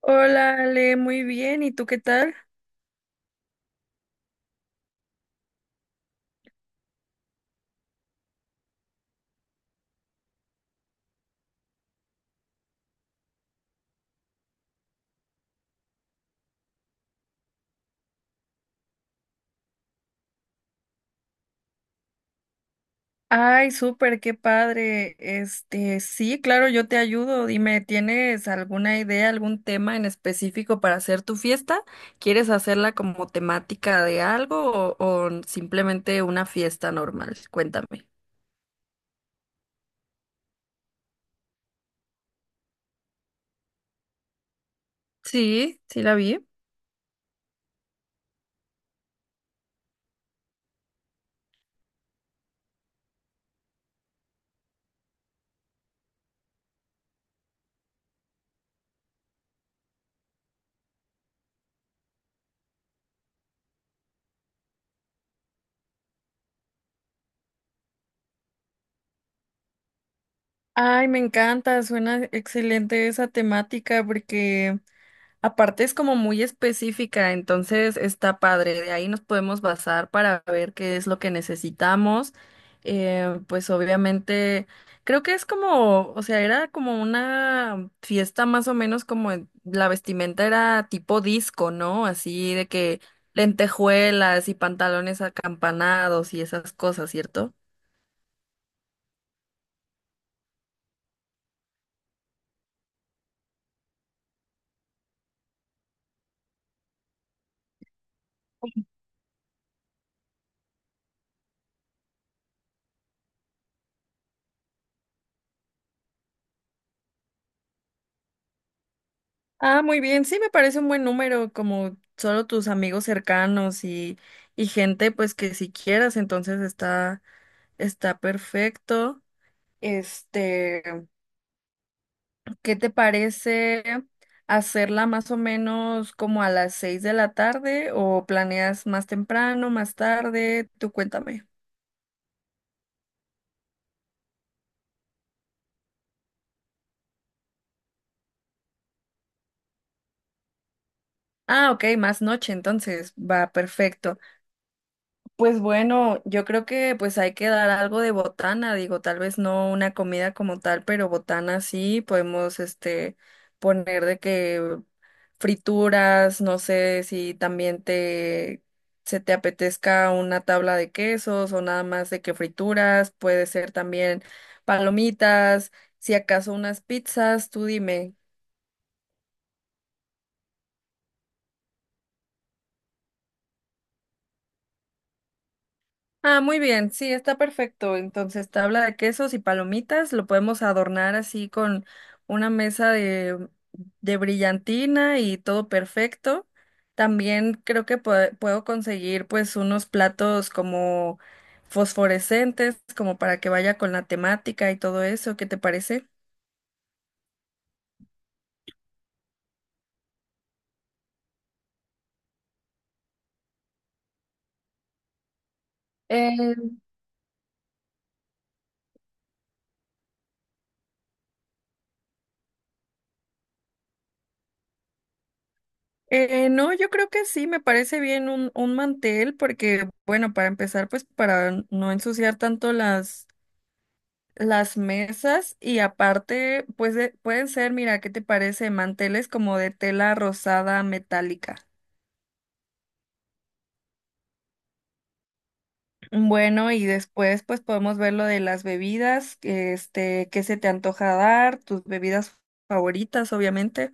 Hola, Ale, muy bien. ¿Y tú qué tal? Ay, súper, qué padre. Este, sí, claro, yo te ayudo. Dime, ¿tienes alguna idea, algún tema en específico para hacer tu fiesta? ¿Quieres hacerla como temática de algo o simplemente una fiesta normal? Cuéntame. Sí, sí la vi. Ay, me encanta, suena excelente esa temática porque aparte es como muy específica, entonces está padre. De ahí nos podemos basar para ver qué es lo que necesitamos. Pues obviamente, creo que es como, o sea, era como una fiesta más o menos como la vestimenta era tipo disco, ¿no? Así de que lentejuelas y pantalones acampanados y esas cosas, ¿cierto? Ah, muy bien, sí me parece un buen número, como solo tus amigos cercanos y gente pues que si quieras, entonces está, está perfecto. Este, ¿qué te parece hacerla más o menos como a las 6 de la tarde o planeas más temprano, más tarde? Tú cuéntame. Ah, ok, más noche, entonces va perfecto. Pues bueno, yo creo que pues hay que dar algo de botana, digo, tal vez no una comida como tal, pero botana sí, podemos este poner de que frituras, no sé si también te se te apetezca una tabla de quesos o nada más de que frituras, puede ser también palomitas, si acaso unas pizzas, tú dime. Ah, muy bien, sí, está perfecto. Entonces, tabla de quesos y palomitas, lo podemos adornar así con una mesa de brillantina y todo perfecto. También creo que puedo conseguir pues unos platos como fosforescentes, como para que vaya con la temática y todo eso. ¿Qué te parece? Eh, no, yo creo que sí, me parece bien un mantel porque, bueno, para empezar, pues para no ensuciar tanto las mesas y aparte, pues pueden ser, mira, ¿qué te parece? Manteles como de tela rosada metálica. Bueno, y después pues podemos ver lo de las bebidas, este, qué se te antoja dar, tus bebidas favoritas, obviamente.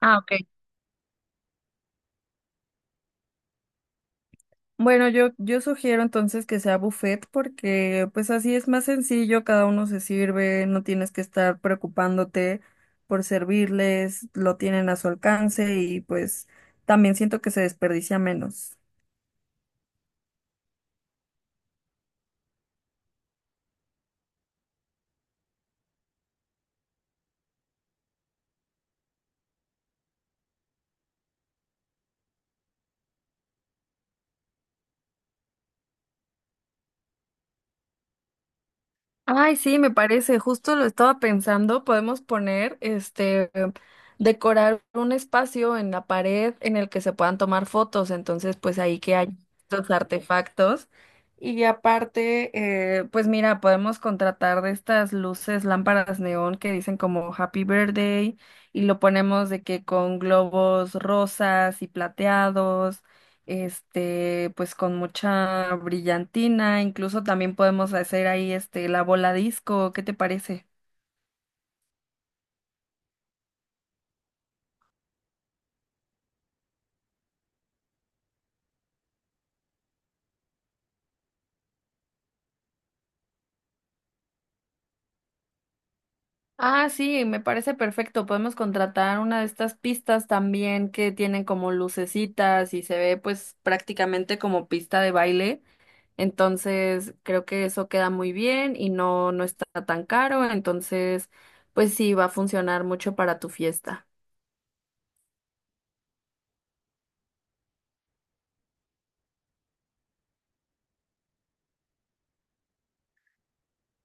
Ah, ok. Bueno, yo sugiero entonces que sea buffet porque pues así es más sencillo, cada uno se sirve, no tienes que estar preocupándote por servirles, lo tienen a su alcance y pues también siento que se desperdicia menos. Ay, sí, me parece, justo lo estaba pensando, podemos poner, este, decorar un espacio en la pared en el que se puedan tomar fotos, entonces pues ahí que hay estos artefactos. Y aparte, pues mira, podemos contratar de estas luces, lámparas neón que dicen como Happy Birthday y lo ponemos de que con globos rosas y plateados este, pues con mucha brillantina, incluso también podemos hacer ahí este la bola disco, ¿qué te parece? Ah, sí, me parece perfecto. Podemos contratar una de estas pistas también que tienen como lucecitas y se ve pues prácticamente como pista de baile. Entonces, creo que eso queda muy bien y no, no está tan caro. Entonces, pues sí, va a funcionar mucho para tu fiesta.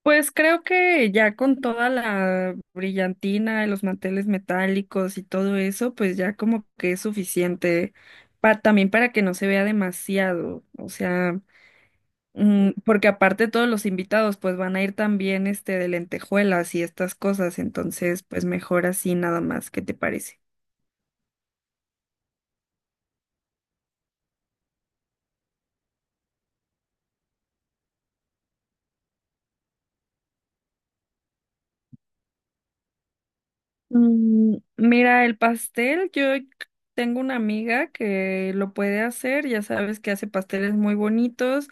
Pues creo que ya con toda la brillantina, y los manteles metálicos y todo eso, pues ya como que es suficiente también para que no se vea demasiado, o sea, porque aparte todos los invitados pues van a ir también este de lentejuelas y estas cosas, entonces pues mejor así nada más, ¿qué te parece? Mira, el pastel, yo tengo una amiga que lo puede hacer, ya sabes que hace pasteles muy bonitos.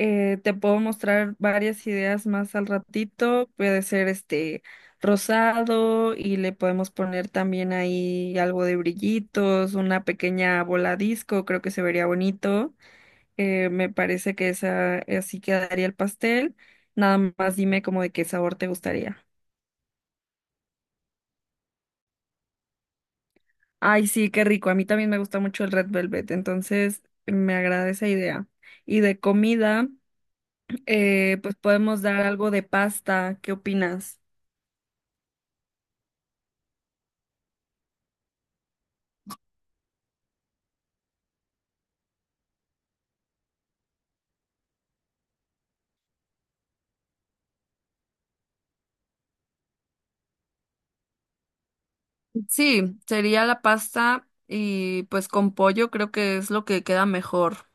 Te puedo mostrar varias ideas más al ratito. Puede ser este rosado y le podemos poner también ahí algo de brillitos, una pequeña bola disco, creo que se vería bonito. Me parece que esa así quedaría el pastel. Nada más dime como de qué sabor te gustaría. Ay, sí, qué rico. A mí también me gusta mucho el Red Velvet, entonces me agrada esa idea. Y de comida, pues podemos dar algo de pasta. ¿Qué opinas? Sí, sería la pasta y pues con pollo creo que es lo que queda mejor.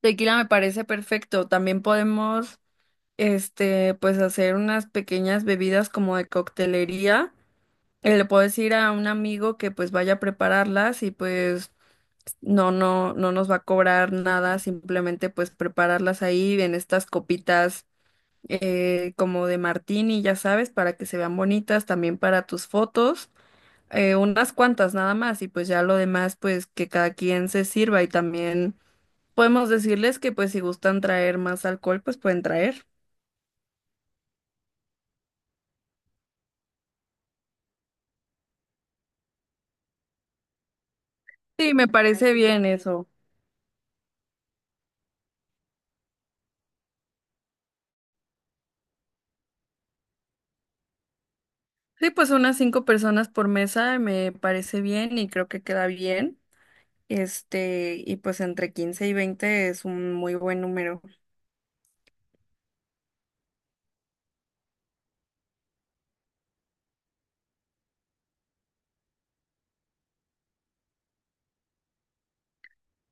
Tequila me parece perfecto. También podemos, este, pues hacer unas pequeñas bebidas como de coctelería. Le puedo decir a un amigo que pues vaya a prepararlas y pues no, no, no nos va a cobrar nada, simplemente pues prepararlas ahí en estas copitas como de martini, ya sabes, para que se vean bonitas, también para tus fotos, unas cuantas nada más y pues ya lo demás pues que cada quien se sirva y también podemos decirles que pues si gustan traer más alcohol pues pueden traer. Sí, me parece bien eso. Sí, pues unas cinco personas por mesa me parece bien y creo que queda bien. Este, y pues entre 15 y 20 es un muy buen número.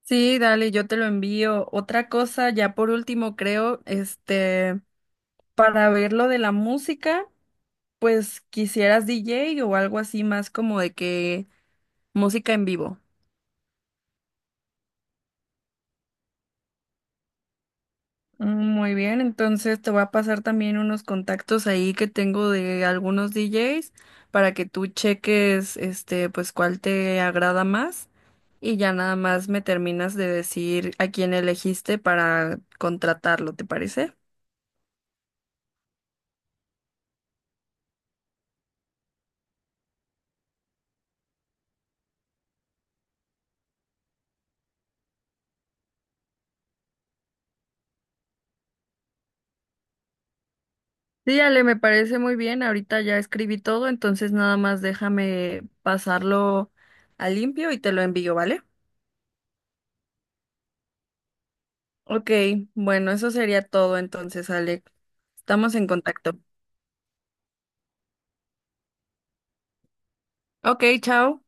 Sí, dale, yo te lo envío. Otra cosa, ya por último, creo, este, para ver lo de la música, pues quisieras DJ o algo así más como de que música en vivo. Muy bien, entonces te voy a pasar también unos contactos ahí que tengo de algunos DJs para que tú cheques este pues cuál te agrada más y ya nada más me terminas de decir a quién elegiste para contratarlo, ¿te parece? Sí, Ale, me parece muy bien. Ahorita ya escribí todo, entonces nada más déjame pasarlo a limpio y te lo envío, ¿vale? Ok, bueno, eso sería todo entonces, Ale. Estamos en contacto. Ok, chao.